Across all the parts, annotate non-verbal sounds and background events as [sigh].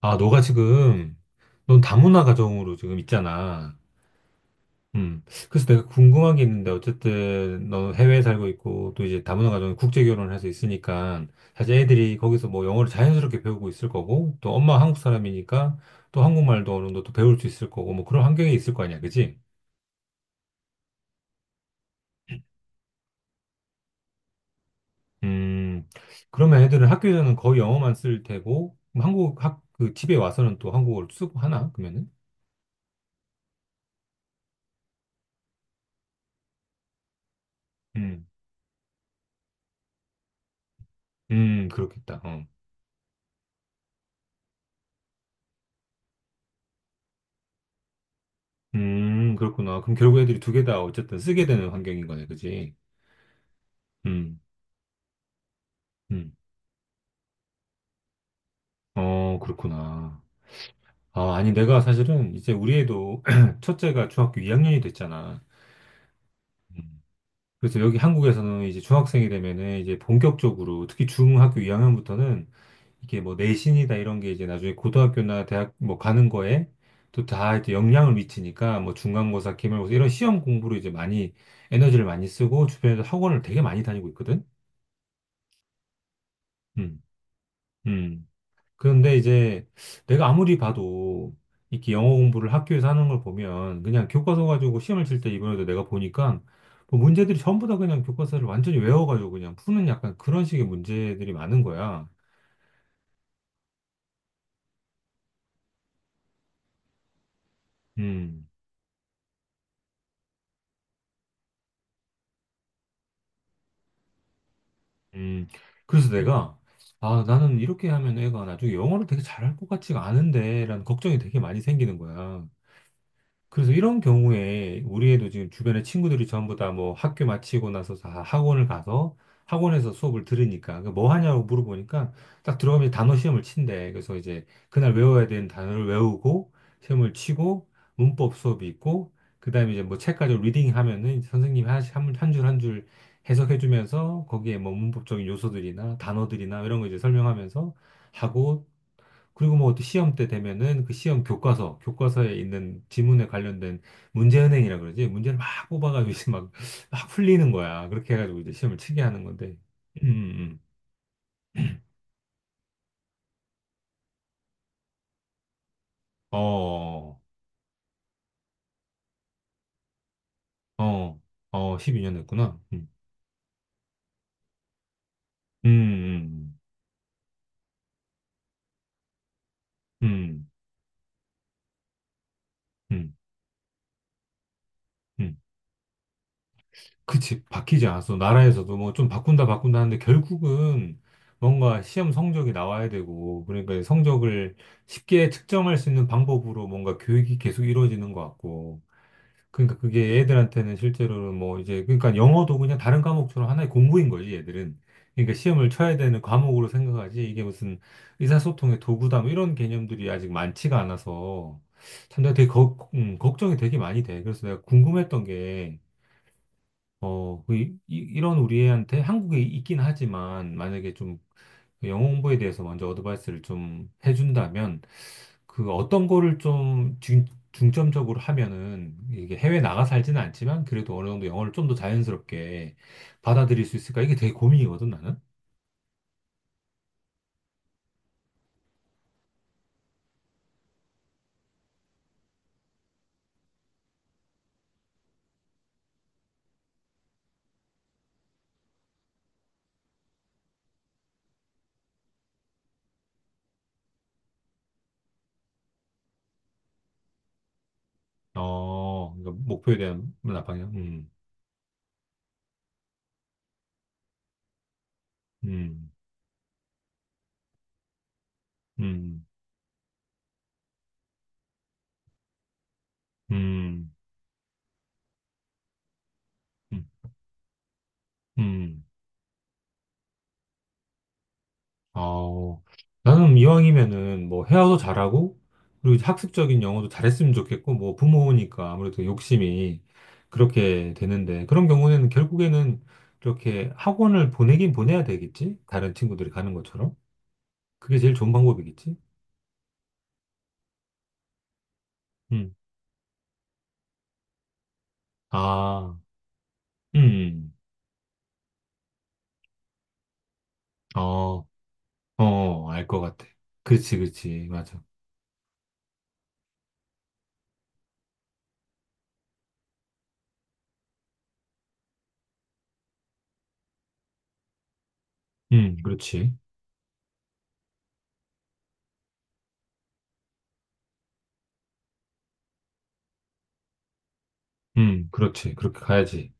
아, 넌 다문화 가정으로 지금 있잖아. 음. 그래서 내가 궁금한 게 있는데, 어쨌든, 넌 해외에 살고 있고, 또 이제 다문화 가정에 국제 결혼을 해서 있으니까, 사실 애들이 거기서 뭐 영어를 자연스럽게 배우고 있을 거고, 또 엄마 한국 사람이니까, 또 한국말도 어느 정도 또 배울 수 있을 거고, 뭐 그런 환경에 있을 거 아니야, 그지? 음. 그러면 애들은 학교에서는 거의 영어만 쓸 테고, 그 집에 와서는 또 한국어를 쓰고 하나? 그러면은? 음. 그렇겠다. 어. 그렇구나. 그럼 결국 애들이 두 개 다 어쨌든 쓰게 되는 환경인 거네, 그지? 음, 음. 어, 그렇구나. 아, 아니, 내가 사실은 이제 우리 애도 [clears throat] 첫째가 중학교 2학년이 됐잖아. 음. 그래서 여기 한국에서는 이제 중학생이 되면은 이제 본격적으로 특히 중학교 2학년부터는 이게 뭐 내신이다 이런 게 이제 나중에 고등학교나 대학 뭐 가는 거에 또 다 이제 영향을 미치니까 뭐 중간고사, 기말고사 이런 시험 공부로 이제 많이 에너지를 많이 쓰고 주변에서 학원을 되게 많이 다니고 있거든. 음. 음. 그런데 이제 내가 아무리 봐도 이렇게 영어 공부를 학교에서 하는 걸 보면 그냥 교과서 가지고 시험을 칠 때 이번에도 내가 보니까 뭐 문제들이 전부 다 그냥 교과서를 완전히 외워가지고 그냥 푸는 약간 그런 식의 문제들이 많은 거야. 음, 음. 그래서 내가 아, 나는 이렇게 하면 애가 나중에 영어를 되게 잘할 것 같지가 않은데 라는 걱정이 되게 많이 생기는 거야. 그래서 이런 경우에 우리에도 지금 주변에 친구들이 전부 다 뭐 학교 마치고 나서 다 학원을 가서 학원에서 수업을 들으니까 그뭐 하냐고 물어보니까 딱 들어가면 단어 시험을 친대. 그래서 이제 그날 외워야 되는 단어를 외우고 시험을 치고 문법 수업이 있고 그다음에 이제 뭐 책까지 리딩 하면은 이제 선생님이 한한줄 한 줄 해석해 주면서 거기에 뭐 문법적인 요소들이나 단어들이나 이런 거 이제 설명하면서 하고 그리고 뭐 또 시험 때 되면은 그 시험 교과서에 있는 지문에 관련된 문제은행이라 그러지. 문제를 막 뽑아가지고 이제 막, 막 풀리는 거야. 그렇게 해가지고 이제 시험을 치게 하는 건데. 음, 음. 음. 어, 어, 어, 12년 됐구나. 음, 음, 음, 음, 음. 그치. 바뀌지 않았어. 나라에서도 뭐 좀 바꾼다 하는데 결국은 뭔가 시험 성적이 나와야 되고, 그러니까 성적을 쉽게 측정할 수 있는 방법으로 뭔가 교육이 계속 이루어지는 것 같고, 그러니까 그게 애들한테는 실제로는 뭐 이제 그러니까 영어도 그냥 다른 과목처럼 하나의 공부인 거지 얘들은 그러니까 시험을 쳐야 되는 과목으로 생각하지 이게 무슨 의사소통의 도구다 뭐 이런 개념들이 아직 많지가 않아서 참 내가 되게 걱정이 되게 많이 돼. 그래서 내가 궁금했던 게 어, 이런 우리한테 한국에 있긴 하지만 만약에 좀 그 영어 공부에 대해서 먼저 어드바이스를 좀 해준다면 그 어떤 거를 좀 중점적으로 하면은 이게 해외 나가 살지는 않지만 그래도 어느 정도 영어를 좀 더 자연스럽게 받아들일 수 있을까? 이게 되게 고민이거든, 나는. 어, 그러니까 목표에 대한 방향. 음, 음, 음, 음, 음. 어, 나는 이왕이면은 뭐 헤어도 잘하고, 그리고 학습적인 영어도 잘했으면 좋겠고, 뭐 부모니까 아무래도 욕심이 그렇게 되는데, 그런 경우에는 결국에는 이렇게 학원을 보내긴 보내야 되겠지? 다른 친구들이 가는 것처럼? 그게 제일 좋은 방법이겠지? 음. 아, 음, 음. 어, 어, 알 것 같아. 그렇지, 그렇지, 맞아. 그렇지. 그렇지. 그렇게 가야지.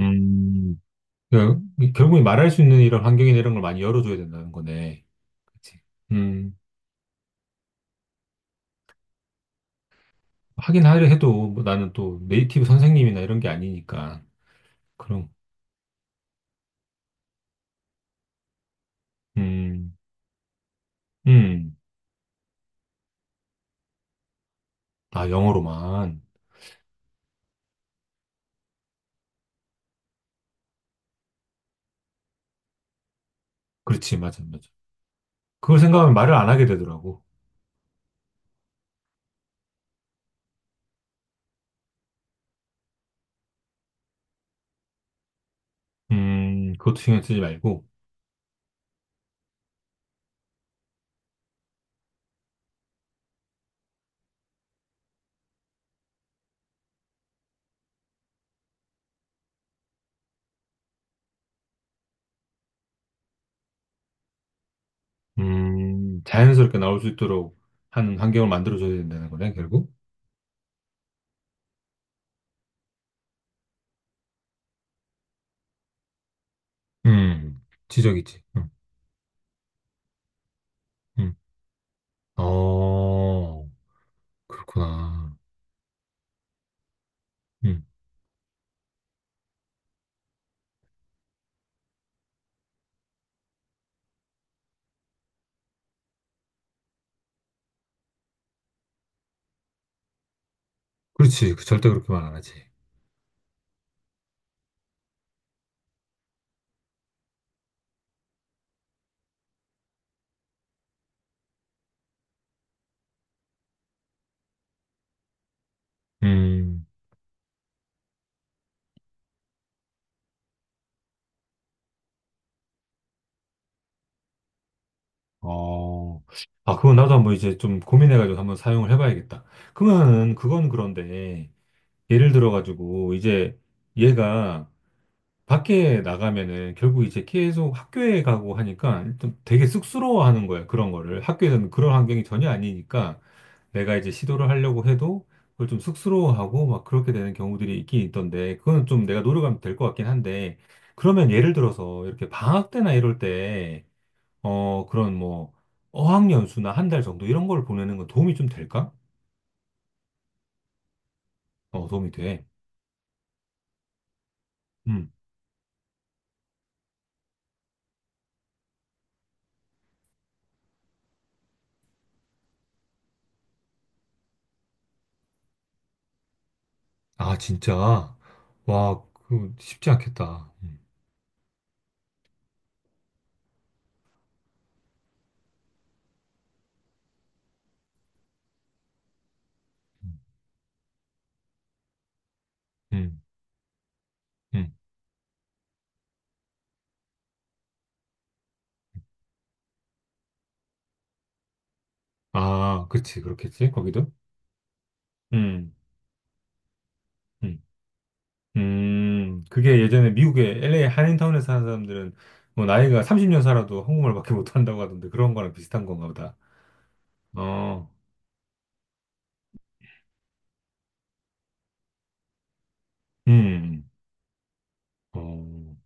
음. 그 결국에 말할 수 있는 이런 환경이나 이런 걸 많이 열어줘야 된다는 거네. 그치. 음, 하긴 하려 해도 뭐 나는 또 네이티브 선생님이나 이런 게 아니니까. 그럼, 음, 음, 아, 영어로만. 그렇지, 맞아, 맞아. 그걸 생각하면 말을 안 하게 되더라고. 그것도 신경 쓰지 말고, 자연스럽게 나올 수 있도록 하는 환경을 만들어줘야 된다는 거네, 결국. 음, 지적이지. 음. 어, 그렇구나. 음, 그렇지. 그 절대 그렇게 말 안 하지. 음, 어, 아, 그건 나도 한번 이제 좀 고민해가지고 한번 사용을 해봐야겠다. 그러면은, 그건 그런데, 예를 들어가지고, 이제 얘가 밖에 나가면은 결국 이제 계속 학교에 가고 하니까 좀 되게 쑥스러워하는 거야, 그런 거를. 학교에서는 그런 환경이 전혀 아니니까 내가 이제 시도를 하려고 해도 그걸 좀 쑥스러워하고 막 그렇게 되는 경우들이 있긴 있던데, 그건 좀 내가 노력하면 될 것 같긴 한데, 그러면 예를 들어서 이렇게 방학 때나 이럴 때, 어, 그런 뭐 어학연수나 한 달 정도 이런 걸 보내는 건 도움이 좀 될까? 어, 도움이 돼. 음. 아, 진짜? 와, 그 쉽지 않겠다. 음, 음. 음. 아, 그치, 그렇겠지, 거기도? 음, 음, 그게 예전에 미국의 LA 한인타운에 사는 사람들은 뭐 나이가 30년 살아도 한국말밖에 [laughs] 못한다고 하던데 그런 거랑 비슷한 건가 보다. 어, 음, 음. 어,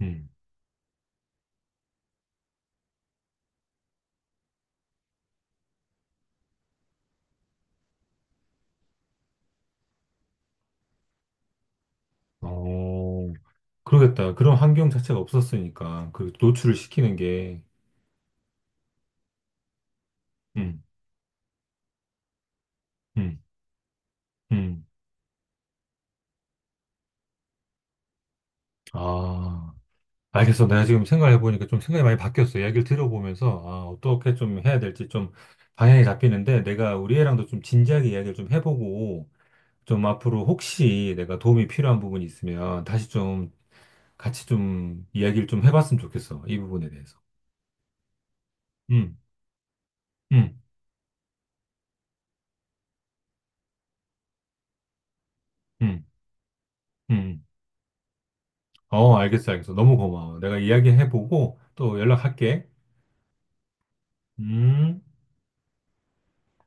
음, 어. 그러겠다. 그런 환경 자체가 없었으니까. 그 노출을 시키는 게. 음, 음, 음. 아, 알겠어. 내가 지금 생각해보니까 좀 생각이 많이 바뀌었어. 이야기를 들어보면서, 아, 어떻게 좀 해야 될지 좀 방향이 잡히는데, 내가 우리 애랑도 좀 진지하게 이야기를 좀 해보고, 좀 앞으로 혹시 내가 도움이 필요한 부분이 있으면 다시 좀 같이 좀 이야기를 좀 해봤으면 좋겠어. 이 부분에 대해서. 음, 음, 음, 음. 어, 알겠어, 알겠어. 너무 고마워. 내가 이야기해보고 또 연락할게. 음.